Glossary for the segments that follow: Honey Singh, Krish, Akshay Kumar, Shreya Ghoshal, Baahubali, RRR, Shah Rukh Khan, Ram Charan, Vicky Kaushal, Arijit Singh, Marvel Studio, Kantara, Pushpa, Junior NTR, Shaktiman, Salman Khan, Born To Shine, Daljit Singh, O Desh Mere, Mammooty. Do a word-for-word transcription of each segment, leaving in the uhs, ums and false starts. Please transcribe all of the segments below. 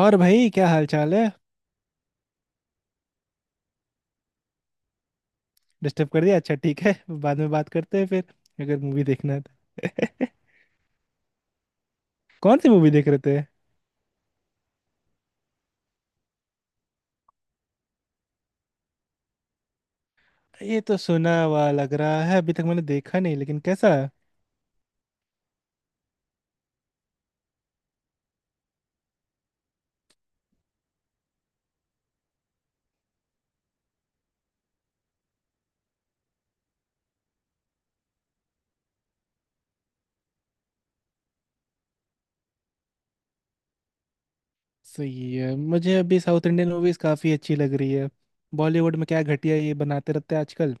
और भाई क्या हाल चाल है। डिस्टर्ब कर दिया? अच्छा, ठीक है। बाद में बात करते हैं फिर। अगर मूवी देखना है तो। कौन सी मूवी देख रहे थे? ये तो सुना हुआ लग रहा है, अभी तक मैंने देखा नहीं, लेकिन कैसा है? सही है, मुझे अभी साउथ इंडियन मूवीज काफी अच्छी लग रही है। बॉलीवुड में क्या घटिया ये बनाते रहते हैं आजकल।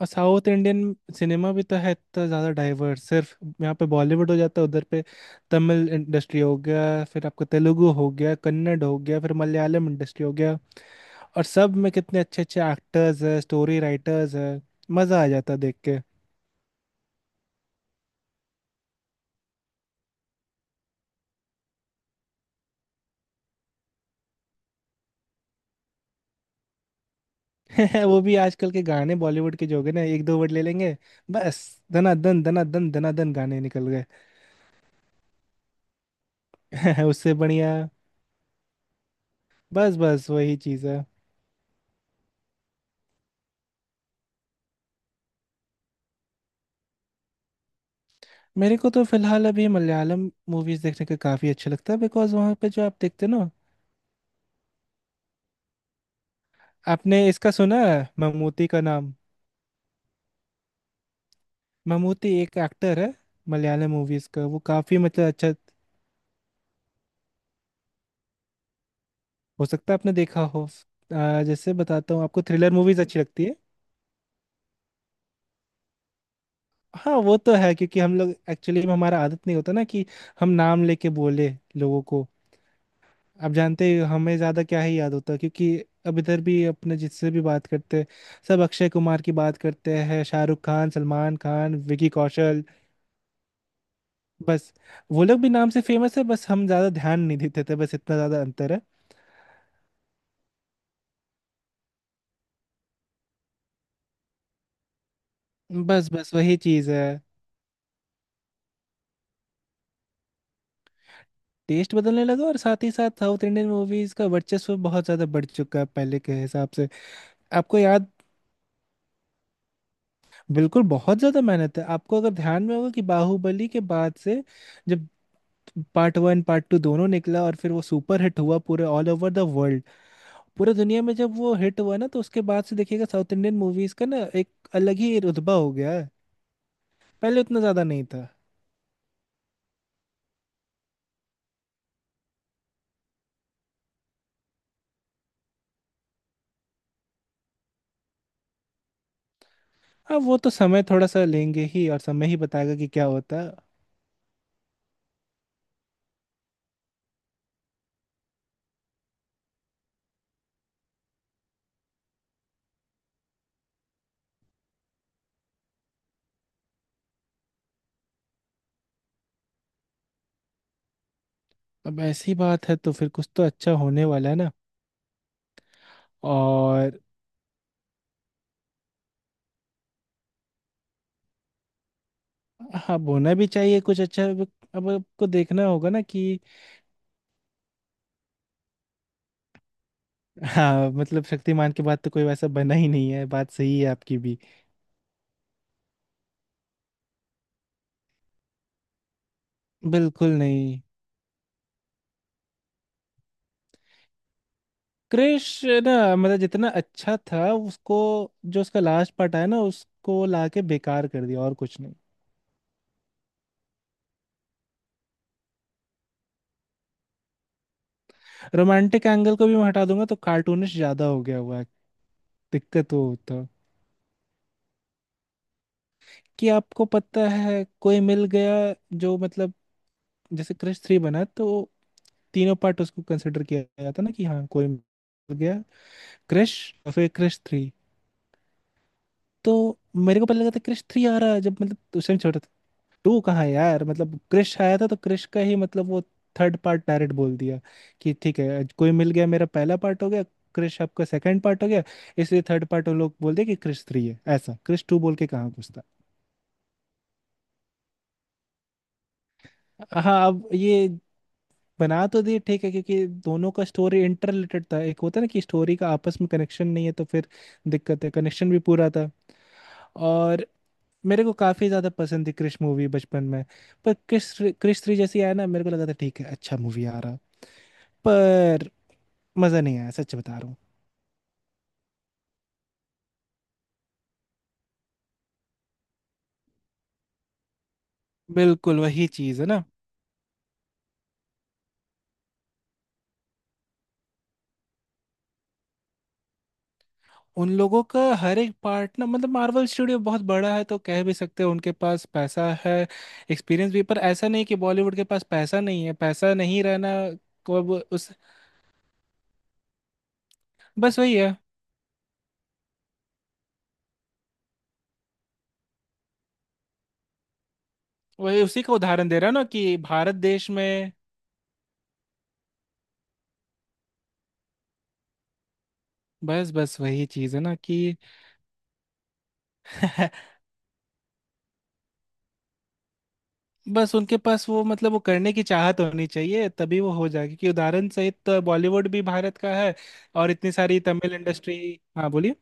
और साउथ इंडियन सिनेमा भी तो है इतना ज़्यादा डाइवर्स। सिर्फ यहाँ पे बॉलीवुड हो जाता है, उधर पे तमिल इंडस्ट्री हो गया, फिर आपका तेलुगु हो गया, कन्नड़ हो गया, फिर मलयालम इंडस्ट्री हो गया। और सब में कितने अच्छे अच्छे एक्टर्स हैं, स्टोरी राइटर्स हैं। मजा आ जाता देख के। वो भी आजकल के गाने बॉलीवुड के जो हो गए ना, एक दो वर्ड ले लेंगे बस। धनाधन धनाधन धनाधन गाने निकल गए। उससे बढ़िया बस, बस वही चीज़ है। मेरे को तो फिलहाल अभी मलयालम मूवीज देखने का काफी अच्छा लगता है, बिकॉज वहां पे जो आप देखते ना। आपने इसका सुना है ममूटी का नाम? ममूटी एक एक्टर है, मलयालम मूवीज का, वो काफी मतलब अच्छा। हो सकता है आपने देखा हो। आ, जैसे बताता हूँ, आपको थ्रिलर मूवीज अच्छी लगती है? हाँ वो तो है, क्योंकि हम लोग एक्चुअली में हमारा आदत नहीं होता ना कि हम नाम लेके बोले लोगों को। आप जानते हैं, हमें ज्यादा क्या ही याद होता है, क्योंकि अब इधर भी अपने जिससे भी बात करते हैं, सब अक्षय कुमार की बात करते हैं, शाहरुख खान, सलमान खान, विकी कौशल, बस। वो लोग भी नाम से फेमस है, बस हम ज्यादा ध्यान नहीं देते थे, बस इतना ज्यादा अंतर है। बस, बस वही चीज है। टेस्ट बदलने लगा, और साथ ही साथ साउथ इंडियन मूवीज का वर्चस्व बहुत ज्यादा बढ़ चुका है पहले के हिसाब से। आपको याद? बिल्कुल, बहुत ज्यादा मेहनत है। आपको अगर ध्यान में होगा कि बाहुबली के बाद से, जब पार्ट वन पार्ट टू दोनों निकला और फिर वो सुपर हिट हुआ पूरे ऑल ओवर द वर्ल्ड, पूरे दुनिया में जब वो हिट हुआ ना, तो उसके बाद से देखिएगा साउथ इंडियन मूवीज का ना एक अलग ही रुतबा हो गया है। पहले उतना ज्यादा नहीं था। अब वो तो समय थोड़ा सा लेंगे ही, और समय ही बताएगा कि क्या होता है। अब ऐसी बात है तो फिर कुछ तो अच्छा होने वाला है ना। और हाँ, बोलना भी चाहिए कुछ अच्छा अब। अब आपको देखना होगा ना कि। हाँ, मतलब शक्तिमान के बाद तो कोई वैसा बना ही नहीं है, बात सही है आपकी भी। बिल्कुल नहीं। क्रिश ना, मतलब जितना अच्छा था उसको, जो उसका लास्ट पार्ट आया ना, उसको लाके बेकार कर दिया, और कुछ नहीं। रोमांटिक एंगल को भी मैं हटा दूंगा तो कार्टूनिश ज्यादा हो गया हुआ है। दिक्कत वो होता कि आपको पता है कोई मिल गया, जो मतलब, जैसे क्रश थ्री बना तो तीनों पार्ट उसको कंसिडर किया गया था ना, कि हाँ कोई मिल गया, क्रश, और फिर क्रश थ्री। तो मेरे को पता लगा था क्रश थ्री आ रहा है, जब मतलब उस टाइम छोटा था। टू कहाँ है यार, मतलब क्रश आया था तो क्रश का ही मतलब वो थर्ड पार्ट डायरेक्ट बोल दिया कि ठीक है, आज कोई मिल गया मेरा पहला पार्ट हो गया, क्रश आपका सेकंड पार्ट हो गया, इसलिए थर्ड पार्ट वो लोग बोल दिया कि क्रश थ्री है, ऐसा क्रश टू बोल के कहाँ घुसता। हाँ, अब ये बना तो दिए ठीक है, क्योंकि दोनों का स्टोरी इंटर रिलेटेड था। एक होता है ना कि स्टोरी का आपस में कनेक्शन नहीं है तो फिर दिक्कत है। कनेक्शन भी पूरा था, और मेरे को काफी ज्यादा पसंद थी क्रिश मूवी बचपन में। पर क्रिश, क्रिश थ्री जैसी आया ना, मेरे को लगा था ठीक है अच्छा मूवी आ रहा, पर मजा नहीं आया, सच बता रहा हूँ। बिल्कुल वही चीज है ना, उन लोगों का हर एक पार्ट ना, मतलब मार्वल स्टूडियो बहुत बड़ा है तो कह भी सकते हैं उनके पास पैसा है, एक्सपीरियंस भी, पर ऐसा नहीं कि बॉलीवुड के पास पैसा नहीं है, पैसा नहीं रहना को अब उस, बस वही है, वही उसी का उदाहरण दे रहा हूं ना कि भारत देश में। बस, बस वही चीज है ना कि। बस उनके पास वो मतलब वो करने की चाहत होनी चाहिए, तभी वो हो जाएगी, क्योंकि उदाहरण सहित बॉलीवुड भी भारत का है। और इतनी सारी तमिल इंडस्ट्री, हाँ बोलिए।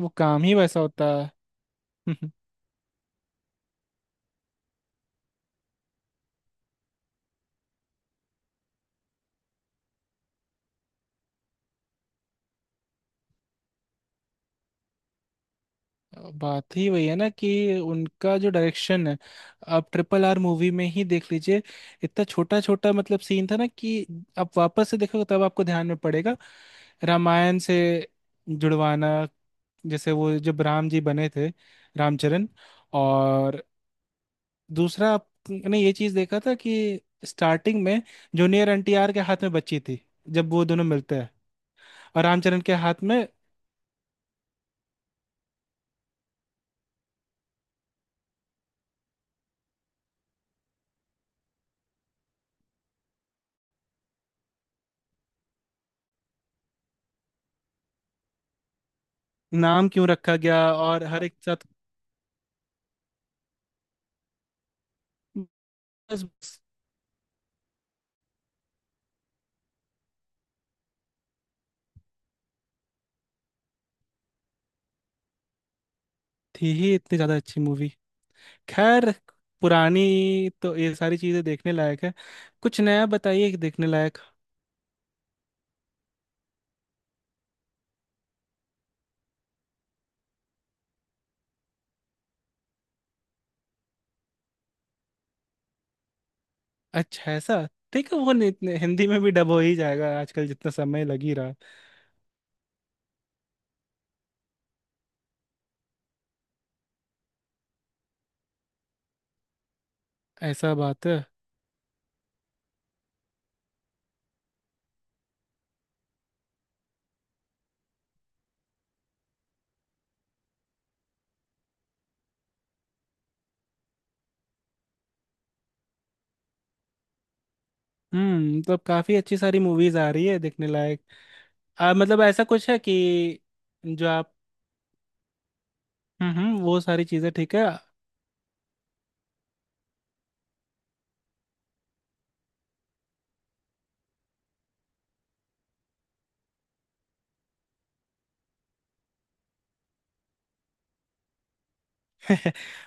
वो काम ही वैसा होता है। बात ही वही है ना कि उनका जो डायरेक्शन है। आप ट्रिपल आर मूवी में ही देख लीजिए, इतना छोटा छोटा मतलब सीन था ना कि आप वापस से देखोगे तब आपको ध्यान में पड़ेगा। रामायण से जुड़वाना, जैसे वो जब राम जी बने थे, रामचरण। और दूसरा, आपने ये चीज देखा था कि स्टार्टिंग में जूनियर एनटीआर के हाथ में बच्ची थी जब वो दोनों मिलते हैं, और रामचरण के हाथ में। नाम क्यों रखा गया, और हर एक साथ। बस। थी ही इतनी ज़्यादा अच्छी मूवी। खैर, पुरानी, तो ये सारी चीज़ें देखने लायक है। कुछ नया बताइए कि देखने लायक। अच्छा, ऐसा। देखो वो नि- नि- हिंदी में भी डब हो ही जाएगा, आजकल जितना समय लग ही रहा है। ऐसा बात है। हम्म, तो अब काफ़ी अच्छी सारी मूवीज़ आ रही है देखने लायक। आ, मतलब ऐसा कुछ है कि जो आप। हम्म, हम्म, वो सारी चीज़ें ठीक है।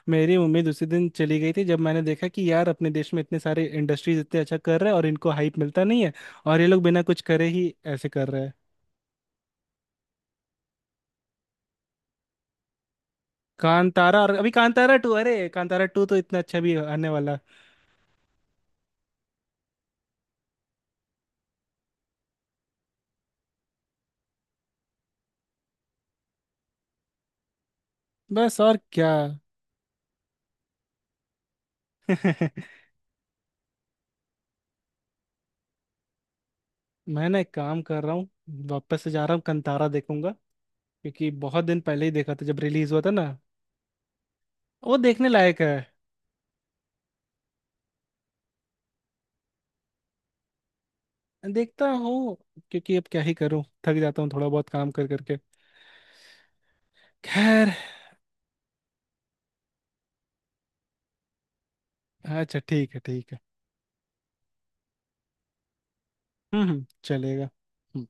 मेरी उम्मीद उसी दिन चली गई थी, जब मैंने देखा कि यार अपने देश में इतने सारे इंडस्ट्रीज इतने अच्छा कर रहे हैं और इनको हाइप मिलता नहीं है, और ये लोग बिना कुछ करे ही ऐसे कर रहे हैं। कांतारा, और अभी कांतारा टू, अरे कांतारा टू तो इतना अच्छा भी आने वाला। बस, और क्या। मैं ना एक काम कर रहा हूँ, वापस से जा रहा हूँ कांतारा देखूंगा, क्योंकि बहुत दिन पहले ही देखा था जब रिलीज हुआ था ना। वो देखने लायक है। देखता हूँ, क्योंकि अब क्या ही करूँ, थक जाता हूँ थोड़ा बहुत काम कर करके। खैर। अच्छा ठीक है, ठीक है। हम्म, हम्म, चलेगा। हम्म।